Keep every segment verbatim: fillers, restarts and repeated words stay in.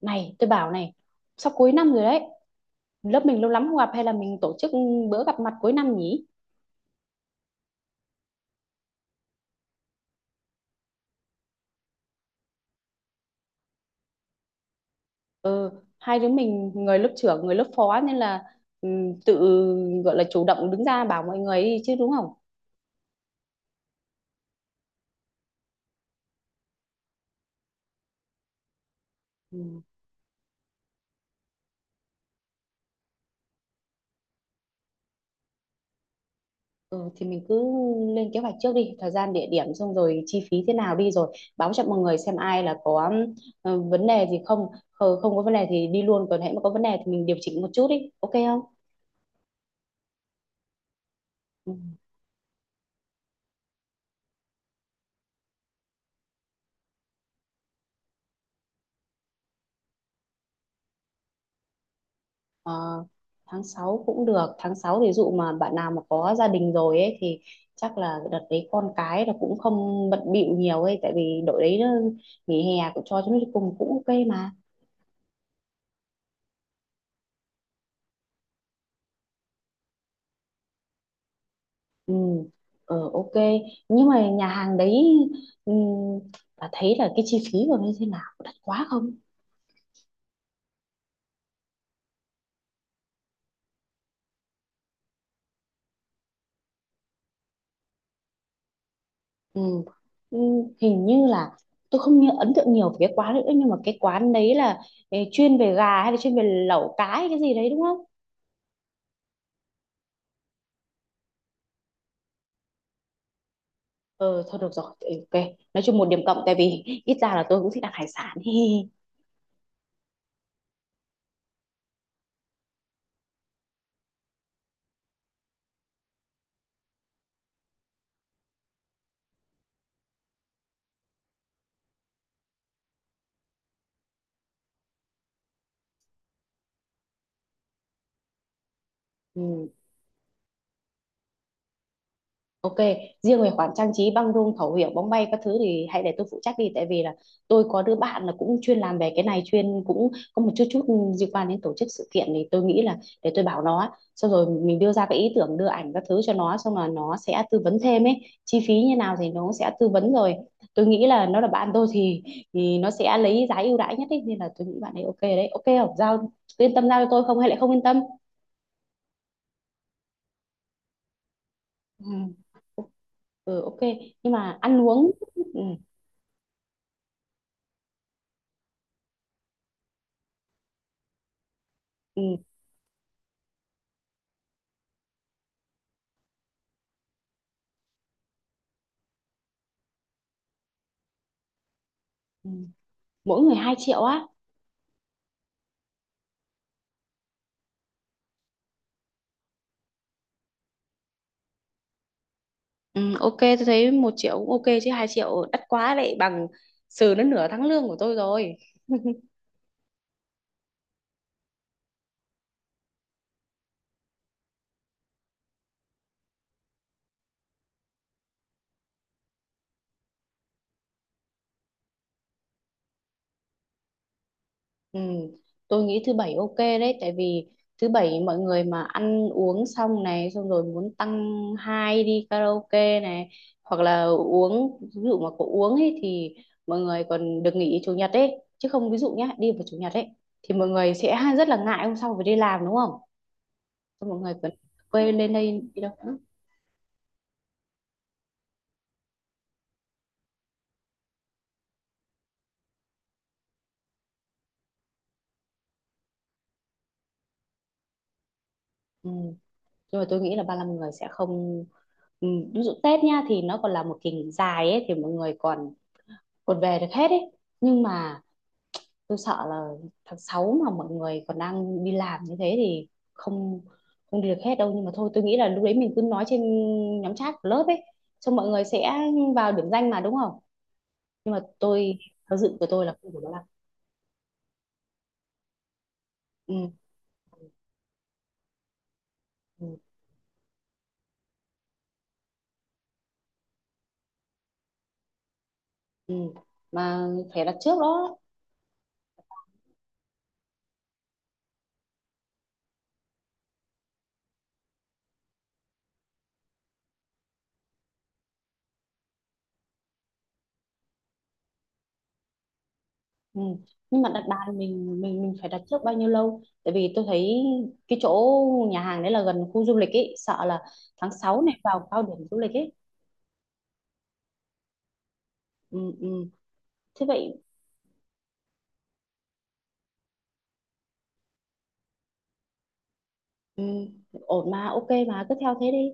Này, tôi bảo này, sắp cuối năm rồi đấy. Lớp mình lâu lắm không gặp hay là mình tổ chức bữa gặp mặt cuối năm nhỉ? Ừ, hai đứa mình người lớp trưởng, người lớp phó nên là ừ, tự gọi là chủ động đứng ra bảo mọi người đi chứ đúng không? Ừ. Ừ, thì mình cứ lên kế hoạch trước đi, thời gian, địa điểm xong rồi chi phí thế nào đi rồi báo cho mọi người xem ai là có ừ, vấn đề gì không? Ờ, không có vấn đề thì đi luôn còn hãy mà có vấn đề thì mình điều chỉnh một chút đi, ok không? Ừ. Ờ, tháng sáu cũng được, tháng sáu thì dụ mà bạn nào mà có gia đình rồi ấy thì chắc là đợt đấy con cái là cũng không bận bịu nhiều ấy tại vì đội đấy nó nghỉ hè cũng cho chúng nó cùng cũng ok mà. Ừ, ờ ok. Nhưng mà nhà hàng đấy, ừ, bà thấy là cái chi phí của nó như thế nào? Có đắt quá không? Ừ. Ừ, hình như là tôi không nhớ ấn tượng nhiều về cái quán nữa nhưng mà cái quán đấy là ừ, chuyên về gà hay là chuyên về lẩu cá hay cái gì đấy đúng không? Ờ, thôi được rồi, ừ, ok. Nói chung một điểm cộng tại vì ít ra là tôi cũng thích ăn hải sản. Hi. Ừ. Ok, riêng về khoản trang trí băng rôn khẩu hiệu bóng bay các thứ thì hãy để tôi phụ trách đi tại vì là tôi có đứa bạn là cũng chuyên làm về cái này, chuyên cũng có một chút chút liên quan đến tổ chức sự kiện thì tôi nghĩ là để tôi bảo nó, xong rồi mình đưa ra cái ý tưởng đưa ảnh các thứ cho nó, xong là nó sẽ tư vấn thêm ấy. Chi phí như nào thì nó sẽ tư vấn rồi. Tôi nghĩ là nó là bạn tôi thì thì nó sẽ lấy giá ưu đãi nhất ấy, nên là tôi nghĩ bạn ấy ok đấy, ok không? Giao yên tâm giao cho tôi không hay lại không yên tâm? Ừ, ừ ok. Nhưng mà ăn uống, ừ, ừ. Ừ. Mỗi người hai triệu á? Ừ, ok tôi thấy một triệu cũng ok chứ hai triệu đắt quá đấy, bằng sờ đến nửa tháng lương của tôi rồi. Ừ, tôi nghĩ thứ bảy ok đấy tại vì thứ bảy mọi người mà ăn uống xong này xong rồi muốn tăng hai đi karaoke này hoặc là uống, ví dụ mà có uống ấy thì mọi người còn được nghỉ chủ nhật ấy. Chứ không, ví dụ nhá, đi vào chủ nhật ấy thì mọi người sẽ rất là ngại hôm sau phải đi làm đúng không? Xong mọi người còn quên lên đây đi đâu nữa. Ừ. Nhưng mà tôi nghĩ là ba mươi nhăm người sẽ không, ừ, ví dụ Tết nha thì nó còn là một kỳ nghỉ dài ấy thì mọi người còn còn về được hết ấy, nhưng mà tôi sợ là tháng sáu mà mọi người còn đang đi làm như thế thì không không đi được hết đâu. Nhưng mà thôi tôi nghĩ là lúc đấy mình cứ nói trên nhóm chat của lớp ấy, xong mọi người sẽ vào điểm danh mà đúng không? Nhưng mà tôi theo dự của tôi là không đủ đó là, ừ, ừ, ừ. Mà phải đặt trước đó. Ừ. Nhưng mà đặt bàn mình mình mình phải đặt trước bao nhiêu lâu? Tại vì tôi thấy cái chỗ nhà hàng đấy là gần khu du lịch ấy, sợ là tháng sáu này vào cao điểm du lịch ấy. Ừ, ừ. Thế vậy, ừ. Ổn mà, ok mà cứ theo thế đi.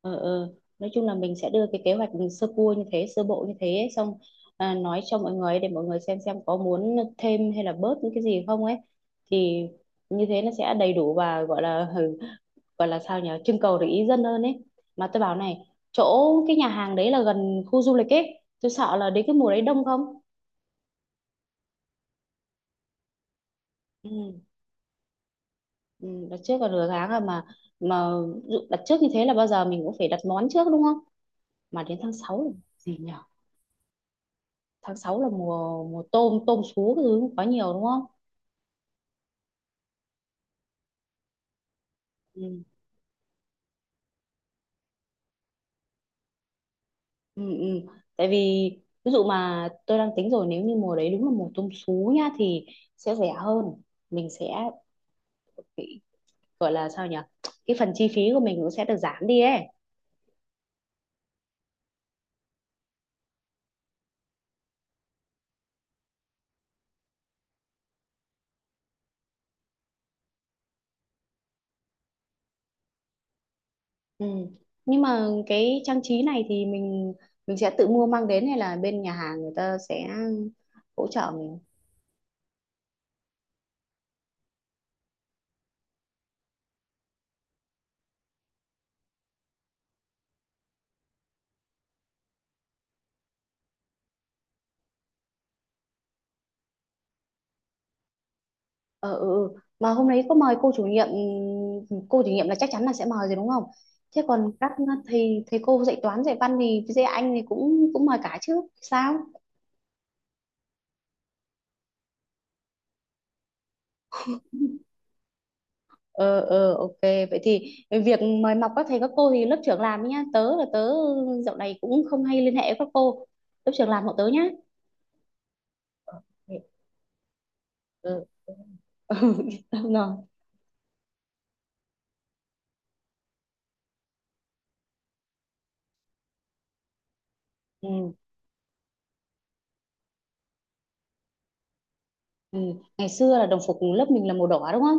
Ờ, ờ. Nói chung là mình sẽ đưa cái kế hoạch sơ cua như thế, sơ bộ như thế ấy, xong à, nói cho mọi người để mọi người xem xem có muốn thêm hay là bớt những cái gì không ấy. Thì như thế nó sẽ đầy đủ và gọi là, ừ, gọi là sao nhỉ, trưng cầu để ý dân hơn ấy. Mà tôi bảo này, chỗ cái nhà hàng đấy là gần khu du lịch ấy, tôi sợ là đến cái mùa đấy đông không? Ừ, ừ, đặt trước còn nửa tháng rồi mà mà dự- đặt trước như thế là bao giờ mình cũng phải đặt món trước đúng không? Mà đến tháng sáu là gì nhỉ, tháng sáu là mùa mùa tôm tôm sú cái thứ quá nhiều đúng không? Ừ, ừ, ừ. Tại vì ví dụ mà tôi đang tính rồi, nếu như mùa đấy đúng là mùa tôm sú nhá thì sẽ rẻ hơn. Mình sẽ gọi là sao nhỉ, cái phần chi phí của mình cũng sẽ được giảm đi ấy. Ừ. Nhưng mà cái trang trí này thì mình mình sẽ tự mua mang đến hay là bên nhà hàng người ta sẽ hỗ trợ mình? Ờ, ừ, ừ. Mà hôm đấy có mời cô chủ nhiệm, cô chủ nhiệm là chắc chắn là sẽ mời rồi đúng không? Thế còn các thầy thầy cô dạy toán dạy văn thì dạy Anh thì cũng cũng mời cả chứ sao? Ờ ờ ok, vậy thì việc mời mọc các thầy các cô thì lớp trưởng làm nhá. Tớ là tớ dạo này cũng không hay liên hệ với các cô, lớp trưởng làm hộ tớ nhá. Ờ, ừ, ừ. Tao nói, ừ. Ừ. Ngày xưa là đồng phục lớp mình là màu đỏ đúng không?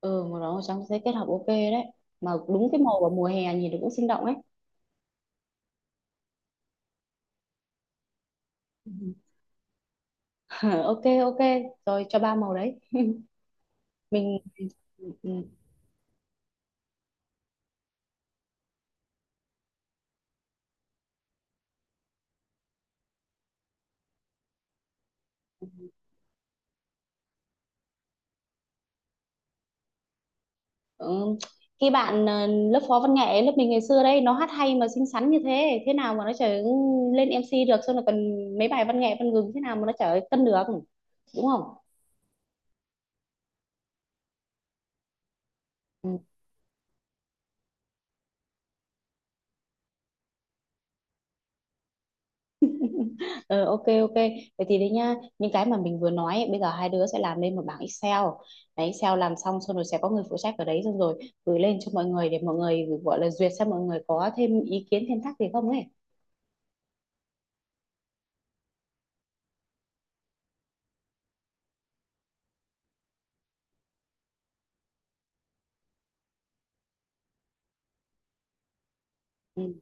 Ừ màu đỏ màu trắng sẽ kết hợp ok đấy, mà đúng cái màu vào mùa hè nhìn nó cũng sinh động ấy. Ừ. ok ok rồi cho ba màu đấy mình, ừ. Ừ. Ừ. Cái bạn ờ, lớp phó văn nghệ lớp mình ngày xưa đấy, nó hát hay mà xinh xắn, như thế thế nào mà nó trở lên em xê được, xong là còn mấy bài văn nghệ văn gừng thế nào mà nó trở cân được đúng không? Ừ. Ờ, ok ok vậy thì đấy nhá, những cái mà mình vừa nói ấy, bây giờ hai đứa sẽ làm lên một bảng Excel. Đấy Excel làm xong xong rồi sẽ có người phụ trách ở đấy, xong rồi gửi lên cho mọi người để mọi người gọi là duyệt xem mọi người có thêm ý kiến thêm thắc gì không ấy. Ừ,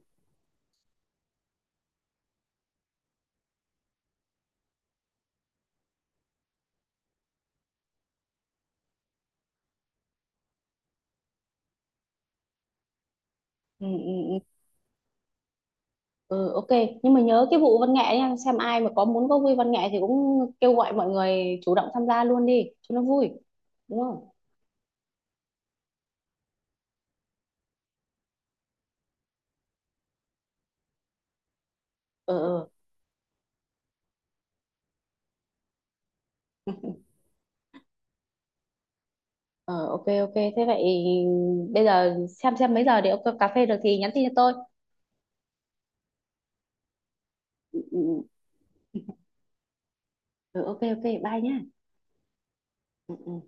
ừ, ừ, ừ. Ừ, ok nhưng mà nhớ cái vụ văn nghệ nha, xem ai mà có muốn có vui văn nghệ thì cũng kêu gọi mọi người chủ động tham gia luôn đi cho nó vui đúng không? Ờ ờ ờ, ok ok thế vậy bây giờ xem xem mấy giờ để ông cà phê được thì nhắn tin cho tôi. Ừ, ừ, Ừ, ok ok bye nhá. Ừ, ừ.